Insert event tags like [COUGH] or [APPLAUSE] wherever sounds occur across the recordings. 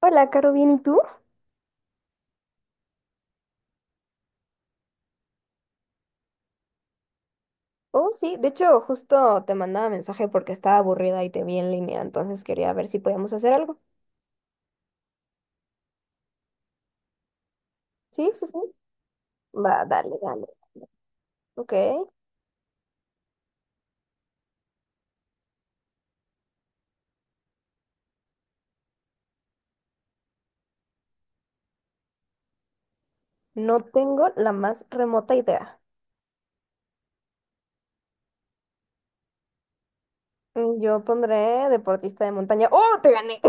Hola, Caro, ¿bien y tú? Oh, sí, de hecho, justo te mandaba mensaje porque estaba aburrida y te vi en línea, entonces quería ver si podíamos hacer algo. Sí, sí, sí. Va, dale, dale. Ok. No tengo la más remota idea. Mm, yo pondré deportista de montaña. ¡Oh, te gané!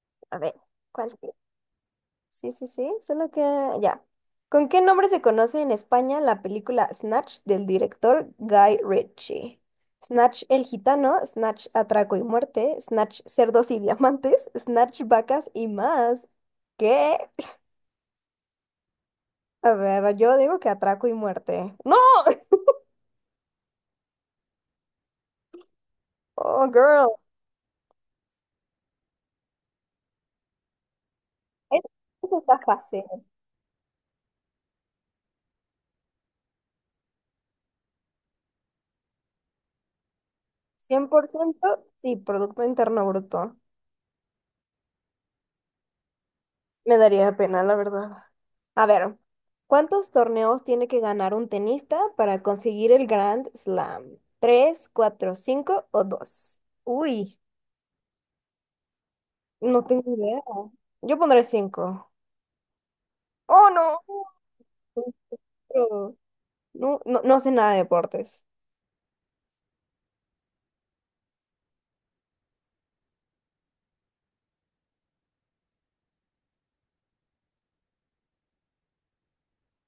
[LAUGHS] A ver, ¿cuál? Sí, sí, sí, solo que ya. ¿Con qué nombre se conoce en España la película Snatch del director Guy Ritchie? Snatch el gitano, Snatch atraco y muerte, Snatch cerdos y diamantes, Snatch vacas y más. ¿Qué? [LAUGHS] A ver, yo digo que atraco y muerte. ¡No! [LAUGHS] Oh, girl. Eso eso está fácil. Cien por ciento sí, Producto Interno Bruto. Me daría pena, la verdad. A ver, ¿cuántos torneos tiene que ganar un tenista para conseguir el Grand Slam? ¿Tres, cuatro, cinco o dos? Uy, no tengo idea. Yo pondré cinco. ¡Oh, no! Cuatro. No, no, no sé nada de deportes.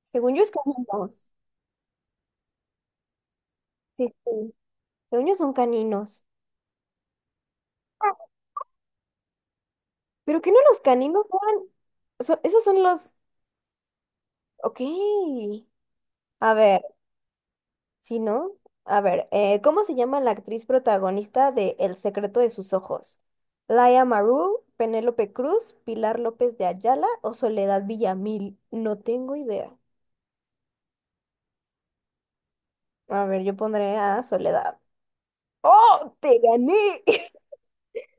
Según yo es caninos. Sí, sí. Según yo son caninos. ¿Pero que no los caninos eran? Esos son los... Ok. A ver. Sí, ¿no? A ver, ¿cómo se llama la actriz protagonista de El secreto de sus ojos? ¿Laia Maru, Penélope Cruz, Pilar López de Ayala o Soledad Villamil? No tengo idea. A ver, yo pondré a Soledad. ¡Oh! ¡Te gané! [LAUGHS]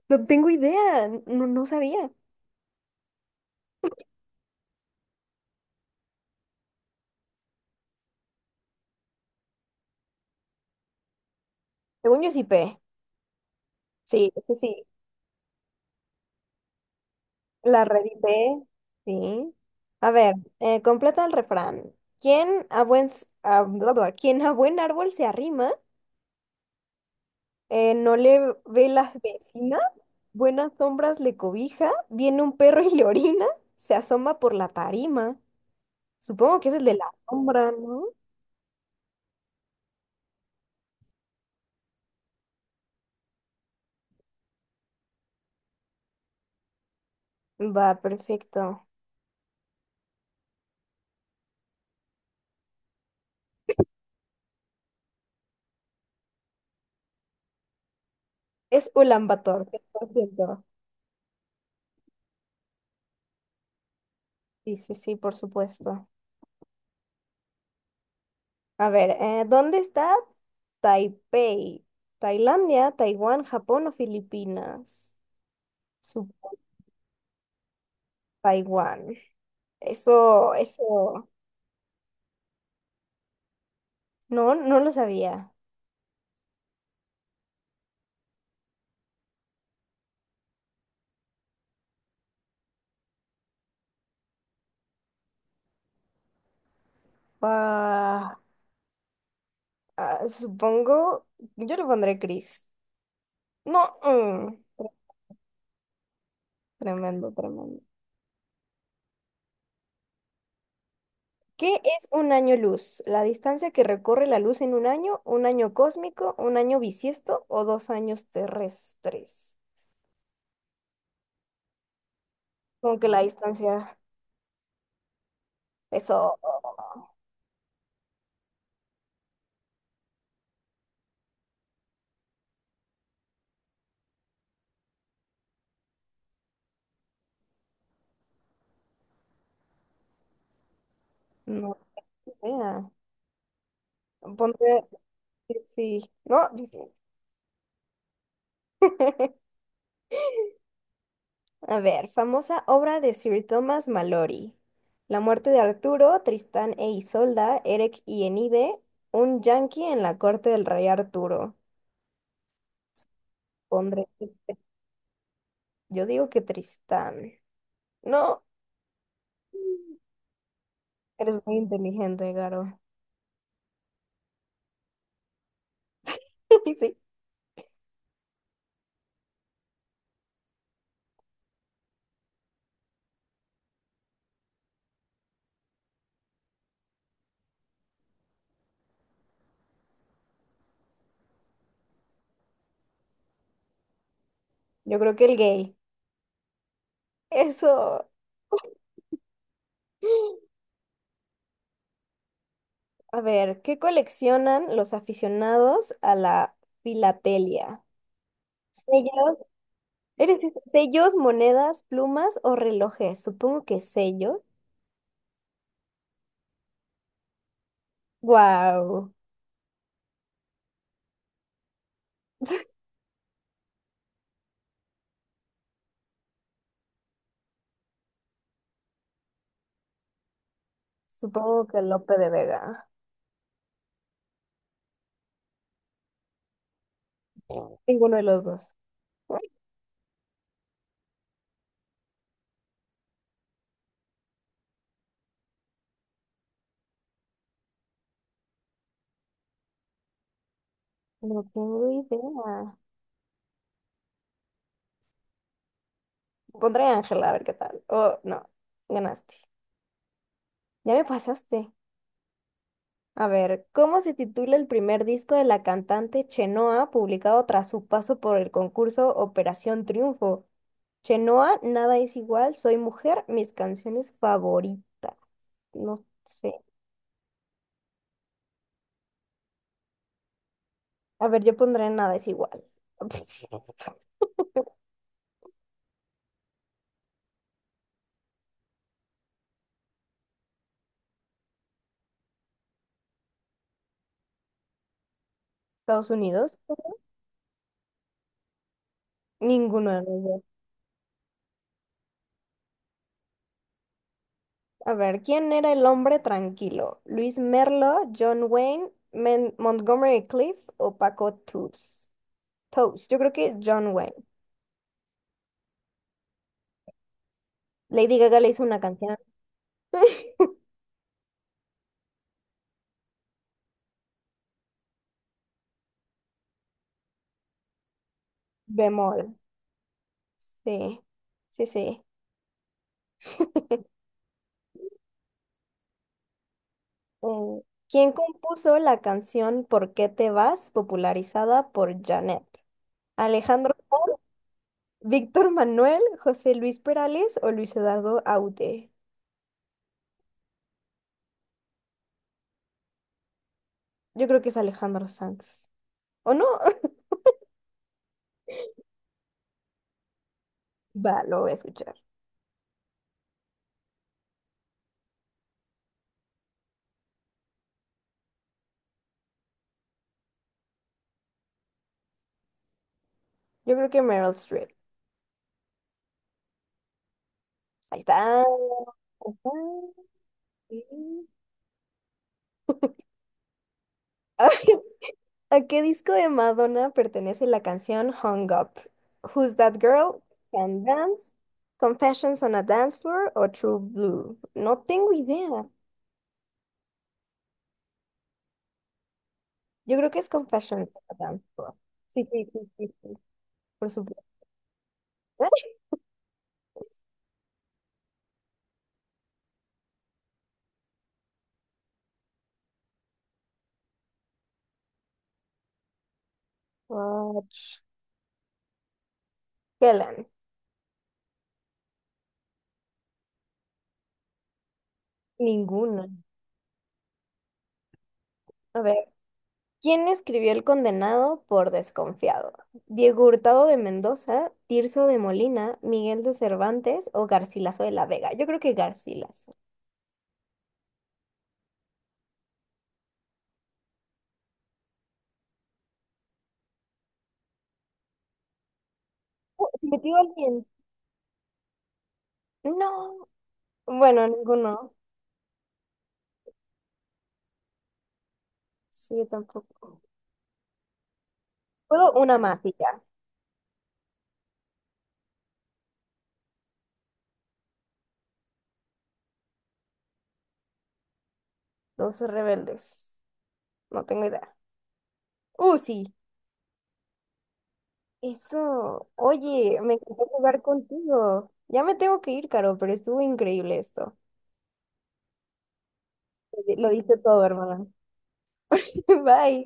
No tengo idea. No, no sabía. Según yo sí P. Sí, sí, sí. La reedité. Sí. A ver, completa el refrán. ¿Quién a buen, s- a- bla, bla, ¿Quién a buen árbol se arrima? No le ve las vecinas, buenas sombras le cobija, viene un perro y le orina, se asoma por la tarima. Supongo que es el de la sombra, ¿no? Va, perfecto. Es Ulan Bator, 100%. Sí, sí, sí, por supuesto. A ver, ¿dónde está Taipei? ¿Tailandia, Taiwán, Japón o Filipinas? Supongo Taiwán. Eso, no, no lo sabía. Ah, ah, supongo, yo lo pondré gris. No, mm, tremendo, tremendo. ¿Qué es un año luz? La distancia que recorre la luz en un año cósmico, un año bisiesto o dos años terrestres. Como que la distancia, eso, no sé. Ponte, sí, no. [LAUGHS] A ver, famosa obra de Sir Thomas Malory. La muerte de Arturo, Tristán e Isolda, Eric y Enide, un yanqui en la corte del rey Arturo. Pondré. Yo digo que Tristán. No, eres muy inteligente, Garo. [LAUGHS] Sí, yo creo que el gay. Eso. A ver, ¿qué coleccionan los aficionados a la filatelia? Sellos, eres- sellos, monedas, plumas o relojes. Supongo que sellos. Wow. Supongo que Lope de Vega. Ninguno de los dos. No tengo idea. Pondré Ángela a ver qué tal. Oh, no. Ganaste. Ya me pasaste. A ver, ¿cómo se titula el primer disco de la cantante Chenoa publicado tras su paso por el concurso Operación Triunfo? Chenoa, nada es igual, soy mujer, mis canciones favoritas. No sé. A ver, yo pondré nada es igual. [LAUGHS] Estados Unidos. Ninguno de los dos. A ver, ¿quién era el hombre tranquilo? ¿Luis Merlo, John Wayne, Montgomery Cliff o Toast? Yo creo que John Wayne. Lady Gaga le hizo una canción bemol. Sí, sí, sí. [LAUGHS] Eh, ¿quién compuso la canción ¿Por qué te vas? Popularizada por Janet? ¿Alejandro Sanz, Víctor Manuel, José Luis Perales o Luis Eduardo Aute? Yo creo que es Alejandro Sanz. ¿O no? [LAUGHS] Va, lo voy a escuchar. Yo creo que Meryl Streep. Ahí está. Ahí sí. [LAUGHS] Ay, ¿a qué disco de Madonna pertenece la canción Hung Up? Who's That Girl? Can Dance? Confessions on a Dance Floor o True Blue? No tengo idea. Yo creo que es Confessions on a Dance Floor. Sí, sí, sí, sí, sí. Por supuesto. [LAUGHS] Ah, Helen. Ninguna. A ver. ¿Quién escribió El condenado por desconfiado? ¿Diego Hurtado de Mendoza, Tirso de Molina, Miguel de Cervantes o Garcilaso de la Vega? Yo creo que Garcilaso. Oh, ¿se metió alguien? No. Bueno, ninguno. Sí, yo tampoco. Puedo una más y ya. Los rebeldes. No tengo idea. Sí. Eso. Oye, me encantó jugar contigo. Ya me tengo que ir, Caro, pero estuvo increíble esto. Lo diste todo, hermana. [LAUGHS] Bye.